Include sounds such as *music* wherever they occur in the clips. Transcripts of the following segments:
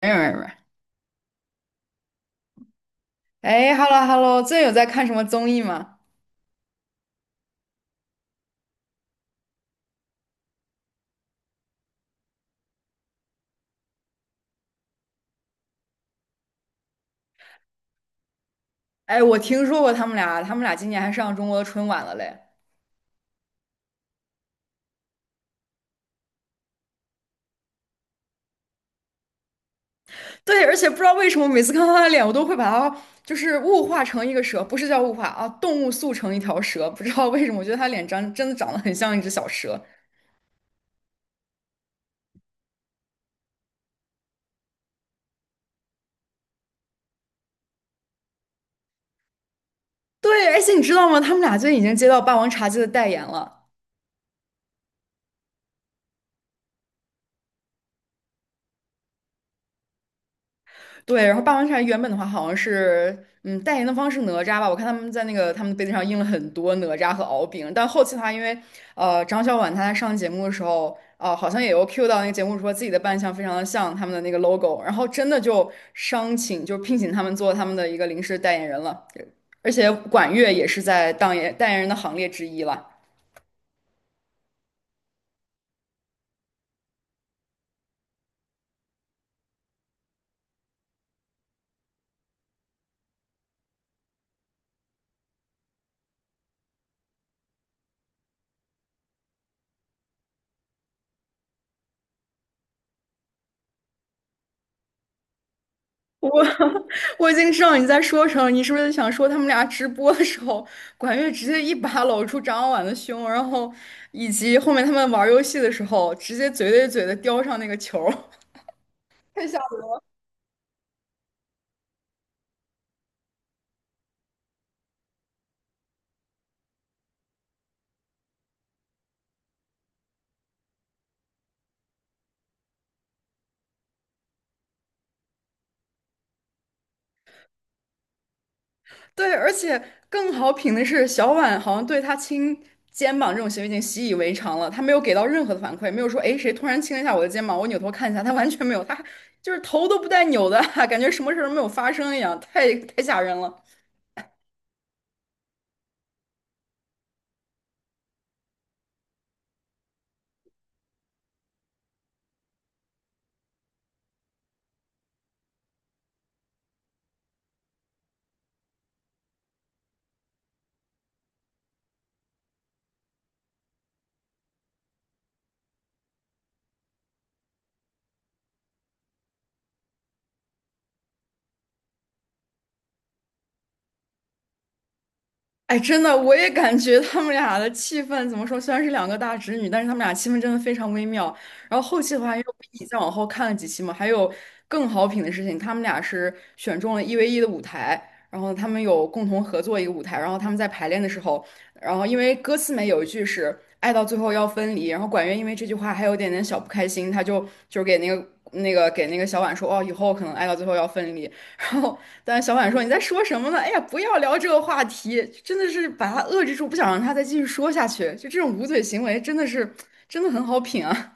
没有没有没有，哎，hello hello，最近有在看什么综艺吗？哎，我听说过他们俩今年还上中国的春晚了嘞。对，而且不知道为什么，每次看到他的脸，我都会把他就是物化成一个蛇，不是叫物化啊，动物塑成一条蛇。不知道为什么，我觉得他脸长真的长得很像一只小蛇。对，而且你知道吗？他们俩最近已经接到《霸王茶姬》的代言了。对，然后霸王茶原本的话好像是，代言的方是哪吒吧？我看他们在那个他们的杯子上印了很多哪吒和敖丙，但后期的话，因为张小婉她在上节目的时候，好像也有 cue 到那个节目说自己的扮相非常的像他们的那个 logo，然后真的就聘请他们做他们的一个临时代言人了，而且管乐也是在当演代言人的行列之一了。我 *laughs* 我已经知道你在说什么，你是不是想说他们俩直播的时候，管乐直接一把搂住张婉的胸，然后以及后面他们玩游戏的时候，直接嘴对嘴的叼上那个球儿 *laughs* 太吓人了。对，而且更好品的是，小婉好像对他亲肩膀这种行为已经习以为常了，他没有给到任何的反馈，没有说诶谁突然亲了一下我的肩膀，我扭头看一下，他完全没有，他就是头都不带扭的啊，*laughs* 感觉什么事儿都没有发生一样，太吓人了。哎，真的，我也感觉他们俩的气氛怎么说？虽然是两个大侄女，但是他们俩气氛真的非常微妙。然后后期的话，因为我一起再往后看了几期嘛，还有更好品的事情，他们俩是选中了一 v 一的舞台，然后他们有共同合作一个舞台，然后他们在排练的时候，然后因为歌词里面有一句是“爱到最后要分离”，然后管乐因为这句话还有点点小不开心，他就给那个小婉说：“哦，以后可能爱到最后要分离。”然后但小婉说：“你在说什么呢？哎呀，不要聊这个话题，真的是把他遏制住，不想让他再继续说下去。就这种捂嘴行为，真的是真的很好品啊。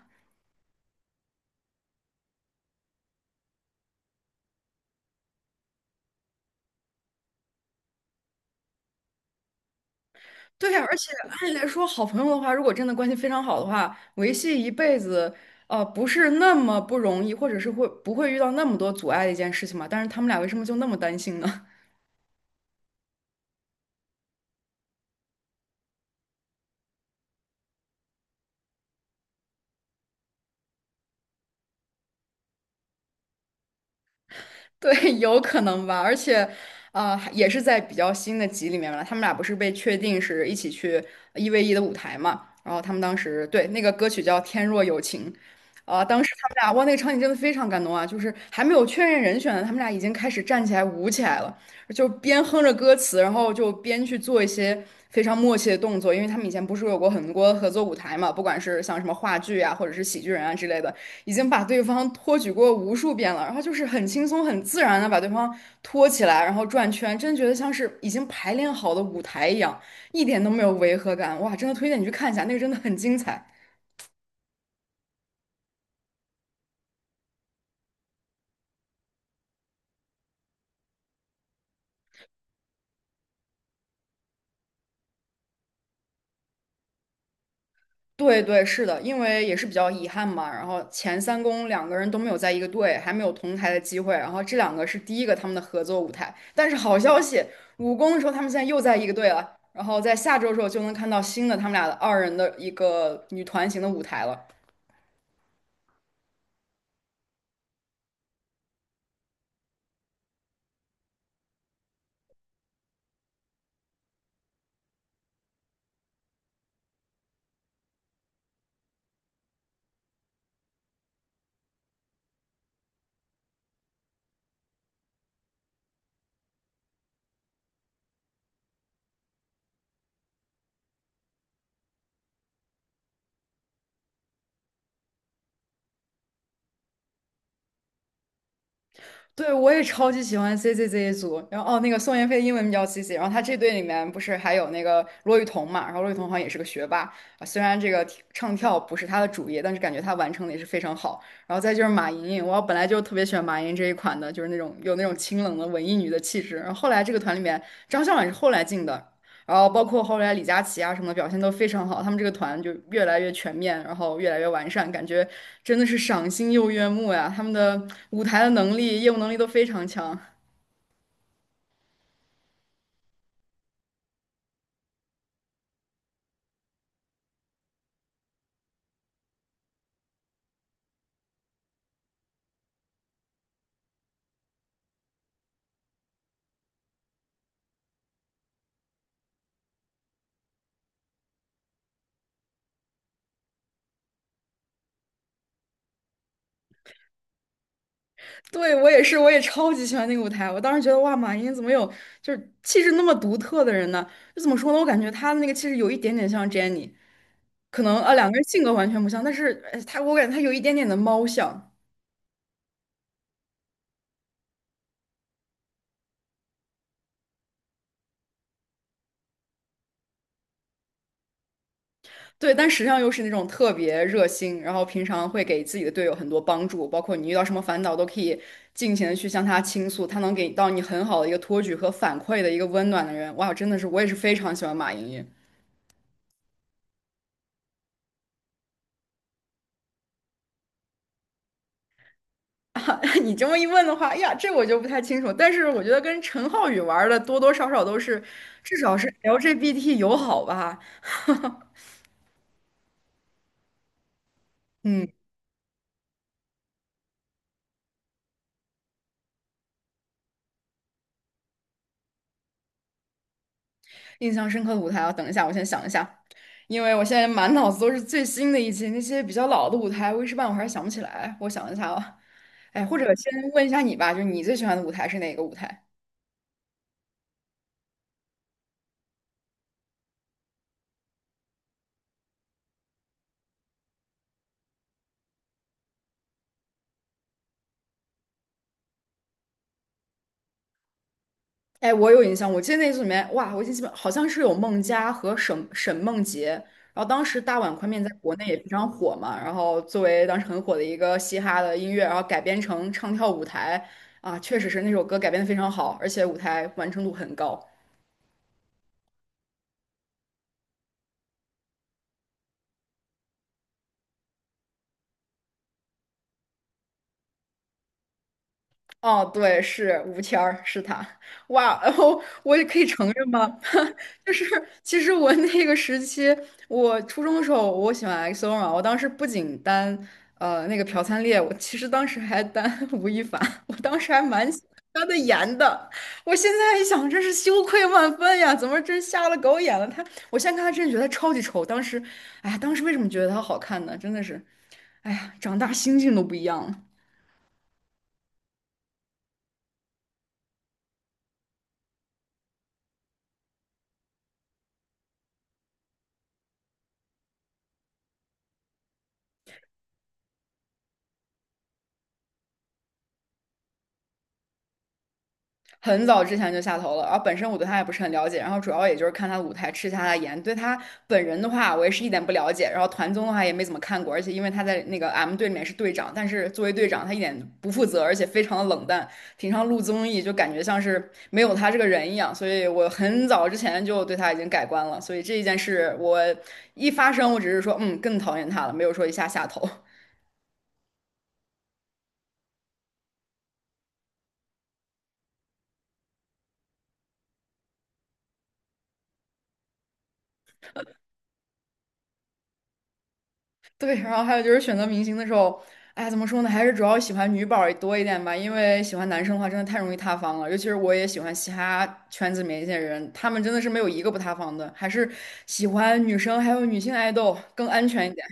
*laughs* 对呀，而且按理来说，好朋友的话，如果真的关系非常好的话，维系一辈子，不是那么不容易，或者是会不会遇到那么多阻碍的一件事情嘛？但是他们俩为什么就那么担心呢？” *laughs* 对，有可能吧，而且，也是在比较新的集里面了。他们俩不是被确定是一起去一 v 一的舞台嘛，然后他们当时对那个歌曲叫《天若有情》，啊、当时他们俩哇，那个场景真的非常感动啊，就是还没有确认人选呢，他们俩已经开始站起来舞起来了，就边哼着歌词，然后就边去做一些非常默契的动作，因为他们以前不是有过很多合作舞台嘛，不管是像什么话剧啊，或者是喜剧人啊之类的，已经把对方托举过无数遍了，然后就是很轻松、很自然的把对方托起来，然后转圈，真觉得像是已经排练好的舞台一样，一点都没有违和感。哇，真的推荐你去看一下，那个真的很精彩。对对，是的，因为也是比较遗憾嘛。然后前三公两个人都没有在一个队，还没有同台的机会。然后这两个是第一个他们的合作舞台。但是好消息，五公的时候他们现在又在一个队了。然后在下周的时候就能看到新的他们俩的二人的一个女团型的舞台了。对，我也超级喜欢 CCZ 组，然后哦，那个宋妍霏英文名叫 CC，然后她这队里面不是还有那个骆玉彤嘛，然后骆玉彤好像也是个学霸啊，虽然这个唱跳不是她的主业，但是感觉她完成的也是非常好。然后再就是马莹莹，我本来就特别喜欢马莹莹这一款的，就是那种有那种清冷的文艺女的气质。然后后来这个团里面张校婉是后来进的，然后包括后来李佳琦啊什么的表现都非常好，他们这个团就越来越全面，然后越来越完善，感觉真的是赏心又悦目呀。他们的舞台的能力、业务能力都非常强。对，我也是，我也超级喜欢那个舞台。我当时觉得哇，马云怎么有就是气质那么独特的人呢？就怎么说呢？我感觉他的那个气质有一点点像 Jennie，可能啊两个人性格完全不像，但是我感觉他有一点点的猫像。对，但实际上又是那种特别热心，然后平常会给自己的队友很多帮助，包括你遇到什么烦恼都可以尽情的去向他倾诉，他能给到你很好的一个托举和反馈的一个温暖的人。哇，真的是我也是非常喜欢马莹莹。*laughs* 你这么一问的话，哎呀，这我就不太清楚，但是我觉得跟陈浩宇玩的多多少少都是，至少是 LGBT 友好吧。*laughs* 嗯。印象深刻的舞台啊，等一下，我先想一下，因为我现在满脑子都是最新的一期，那些比较老的舞台，我一时半会儿还想不起来。我想一下啊，哎，或者先问一下你吧，就是你最喜欢的舞台是哪个舞台？哎，我有印象，我记得那组里面，哇，我已经记不，好像是有孟佳和沈梦洁，然后当时大碗宽面在国内也非常火嘛，然后作为当时很火的一个嘻哈的音乐，然后改编成唱跳舞台，啊，确实是那首歌改编的非常好，而且舞台完成度很高。哦，对，是吴谦儿，是他。哇，然后我也可以承认吗？*laughs* 就是其实我那个时期，我初中的时候，我喜欢 XO 嘛，我当时不仅单那个朴灿烈，我其实当时还单 *laughs* 吴亦凡，我当时还蛮喜欢他的颜的。我现在一想，真是羞愧万分呀！怎么真瞎了狗眼了？他，我现在看他真的觉得他超级丑。当时，哎呀，当时为什么觉得他好看呢？真的是，哎呀，长大心境都不一样了。很早之前就下头了，然后本身我对他也不是很了解，然后主要也就是看他的舞台吃一下他的颜，对他本人的话我也是一点不了解，然后团综的话也没怎么看过，而且因为他在那个 M 队里面是队长，但是作为队长他一点不负责，而且非常的冷淡，平常录综艺就感觉像是没有他这个人一样，所以我很早之前就对他已经改观了，所以这一件事我一发生我只是说更讨厌他了，没有说一下下头。对，然后还有就是选择明星的时候，哎，怎么说呢？还是主要喜欢女宝儿多一点吧，因为喜欢男生的话，真的太容易塌房了。尤其是我也喜欢其他圈子里面一些人，他们真的是没有一个不塌房的。还是喜欢女生，还有女性爱豆更安全一点。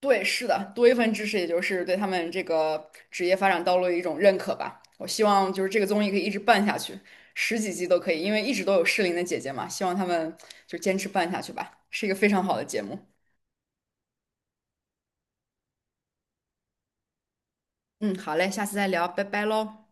对，是的，多一份支持，也就是对他们这个职业发展道路的一种认可吧。我希望就是这个综艺可以一直办下去，十几集都可以，因为一直都有适龄的姐姐嘛，希望她们就坚持办下去吧，是一个非常好的节目。嗯，好嘞，下次再聊，拜拜喽。